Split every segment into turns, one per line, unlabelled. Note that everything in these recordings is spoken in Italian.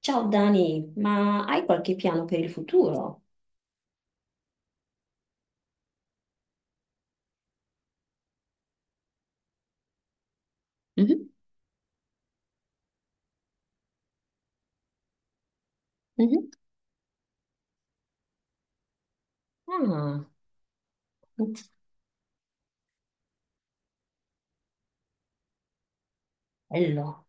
Ciao Dani, ma hai qualche piano per il futuro? Mhm. Mhm. Ah, bello.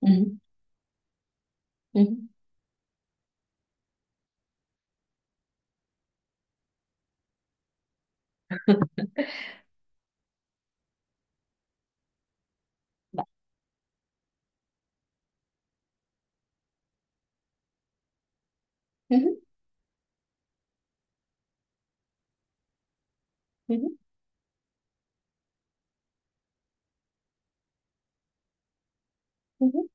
Mhm. Mhm. Beh. Mhm. Mhm. Mhm.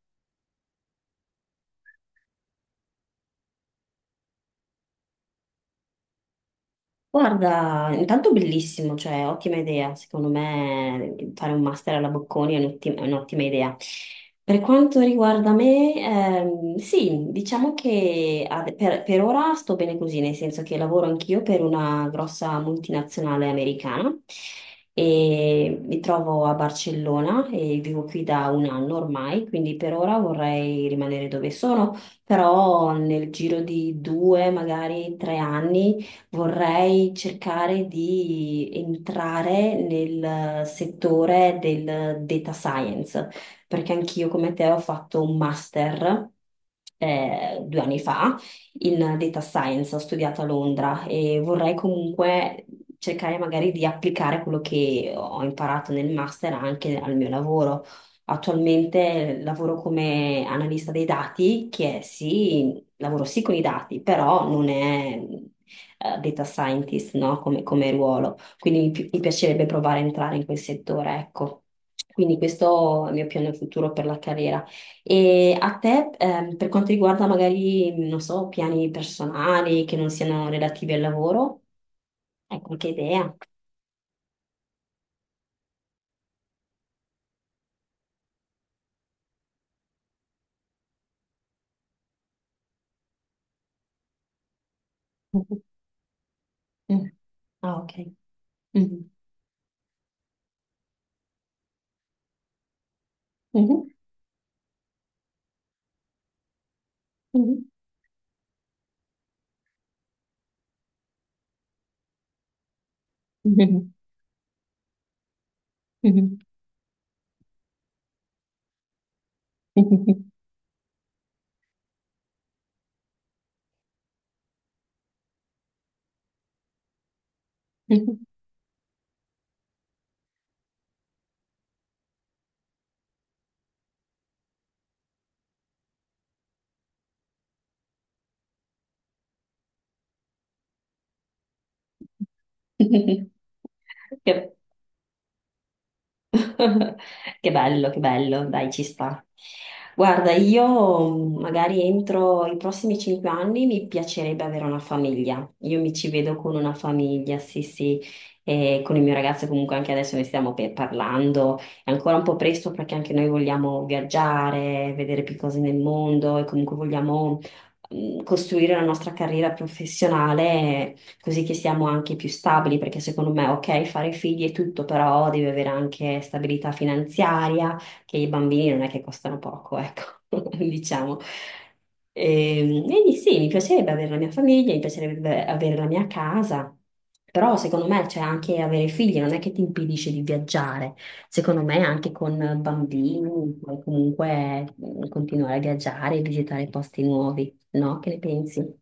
Guarda, intanto bellissimo, cioè ottima idea, secondo me fare un master alla Bocconi è un'ottima idea. Per quanto riguarda me, sì, diciamo che per ora sto bene così, nel senso che lavoro anch'io per una grossa multinazionale americana e mi trovo a Barcellona e vivo qui da un anno ormai, quindi per ora vorrei rimanere dove sono, però nel giro di due, magari 3 anni vorrei cercare di entrare nel settore del data science, perché anch'io come te ho fatto un master. 2 anni fa, in data science, ho studiato a Londra e vorrei comunque cercare magari di applicare quello che ho imparato nel master anche al mio lavoro. Attualmente lavoro come analista dei dati, che è, sì, lavoro sì con i dati, però non è data scientist, no? Come ruolo. Quindi mi piacerebbe provare a entrare in quel settore, ecco. Quindi questo è il mio piano futuro per la carriera. E a te, per quanto riguarda magari, non so, piani personali che non siano relativi al lavoro, hai qualche idea? Mhm. Mm. Ah, ok. Mhm. Mhm. Mhm. Mhm. Mhm. Mhm. Mhm. Che- che bello, dai, ci sta. Guarda, io magari entro i prossimi 5 anni mi piacerebbe avere una famiglia. Io mi ci vedo con una famiglia, sì, sì, e con il mio ragazzo comunque anche adesso ne stiamo parlando. È ancora un po' presto perché anche noi vogliamo viaggiare, vedere più cose nel mondo e comunque vogliamo costruire la nostra carriera professionale, così che siamo anche più stabili, perché secondo me, ok, fare figli è tutto, però devi avere anche stabilità finanziaria, che i bambini non è che costano poco, ecco, diciamo. E quindi sì, mi piacerebbe avere la mia famiglia, mi piacerebbe avere la mia casa, però secondo me, cioè, anche avere figli non è che ti impedisce di viaggiare, secondo me anche con bambini puoi comunque continuare a viaggiare e visitare posti nuovi, no? Che ne pensi?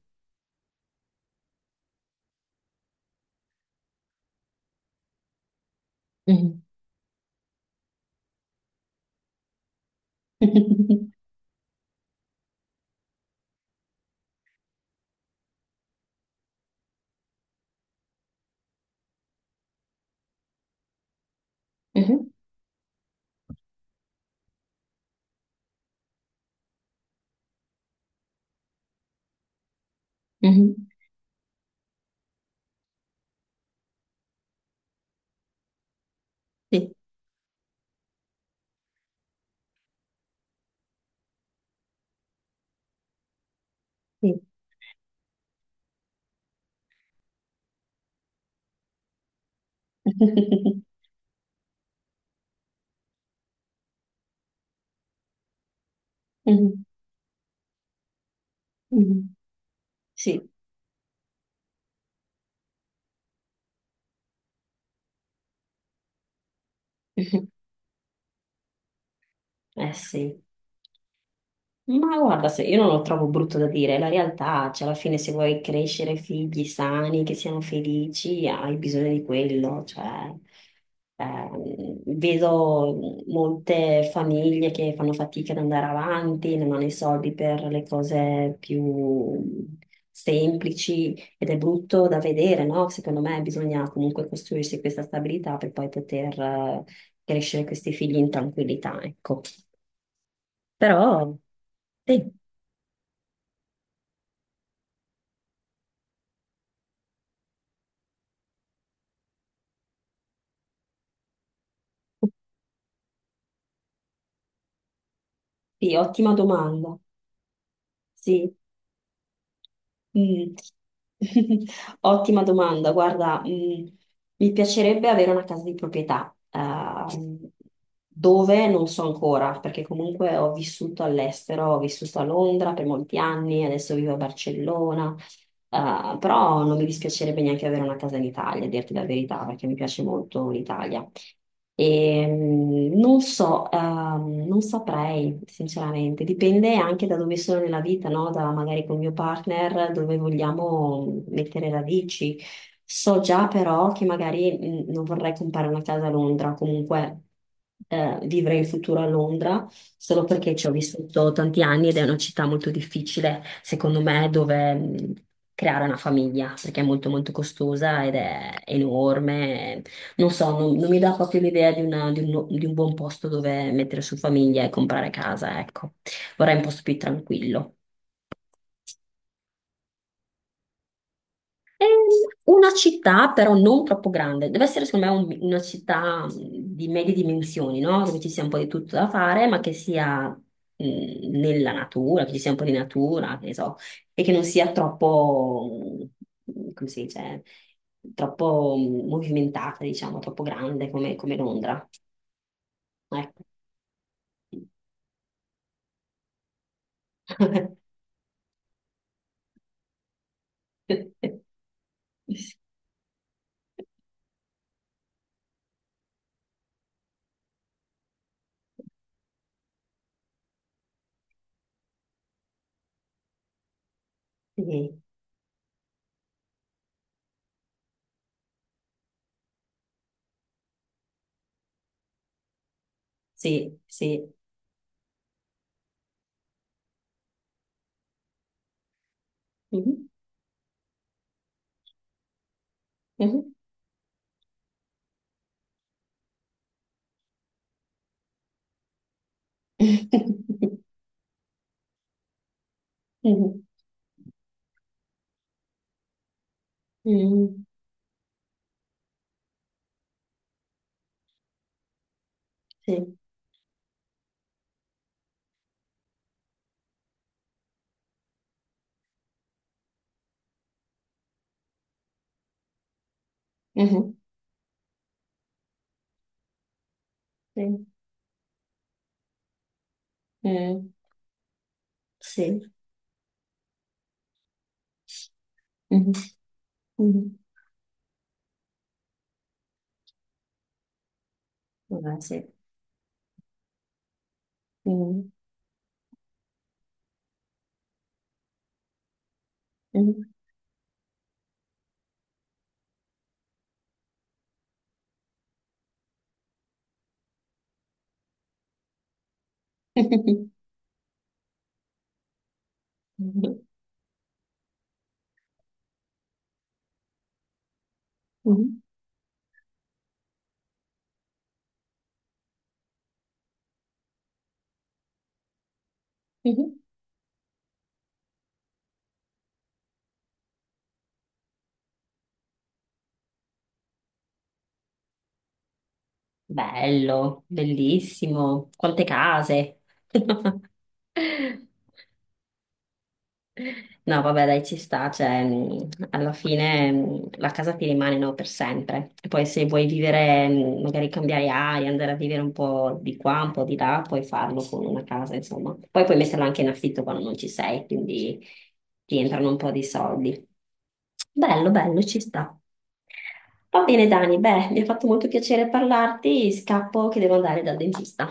Mhm. Mhm. Mh-mh. Sì, sì. Mh-mh, mh-mh. Sì. Mh-mh. Eh sì. Ma guarda, se io non lo trovo brutto da dire, è la realtà, cioè alla fine se vuoi crescere figli sani, che siano felici, hai bisogno di quello, cioè vedo molte famiglie che fanno fatica ad andare avanti, non hanno i soldi per le cose più semplici, ed è brutto da vedere, no? Secondo me bisogna comunque costruirsi questa stabilità per poi poter crescere questi figli in tranquillità, ecco. Però sì. Sì, ottima domanda. Sì. Mm. Ottima domanda. Guarda, mi piacerebbe avere una casa di proprietà, dove non so ancora, perché comunque ho vissuto all'estero, ho vissuto a Londra per molti anni, adesso vivo a Barcellona, però non mi dispiacerebbe neanche avere una casa in Italia, a dirti la verità, perché mi piace molto l'Italia. E non so, non saprei, sinceramente, dipende anche da dove sono nella vita, no? Da magari col mio partner, dove vogliamo mettere radici. So già però che magari non vorrei comprare una casa a Londra, comunque vivere in futuro a Londra, solo perché ci ho vissuto tanti anni ed è una città molto difficile, secondo me, dove creare una famiglia, perché è molto molto costosa ed è enorme. Non so, non, non mi dà proprio l'idea di di un buon posto dove mettere su famiglia e comprare casa, ecco. Vorrei un posto più tranquillo. Ehm, Una città però non troppo grande, deve essere secondo me una città di medie dimensioni, no? Dove ci sia un po' di tutto da fare, ma che sia nella natura, che ci sia un po' di natura, che ne so, e che non sia troppo, come si dice, troppo movimentata, diciamo, troppo grande come, Londra. Ecco. Sì, sì, sì. Mhm, mhm. Mhm, mhm. Sì. Mhm. Sì. Eh sì, mhm. Mhm. Vabbè, sì. Mhm. Mhm. Mhm. Mhm. Mhm. Bello, bellissimo. Quante case. No, vabbè, dai, ci sta, cioè, alla fine la casa ti rimane, no, per sempre. E poi se vuoi vivere, magari cambiare aria, andare a vivere un po' di qua, un po' di là, puoi farlo con una casa, insomma. Poi puoi metterla anche in affitto quando non ci sei, quindi ti entrano un po' di soldi. Bello, bello, ci sta. Va bene, Dani, beh, mi ha fatto molto piacere parlarti, scappo che devo andare dal dentista.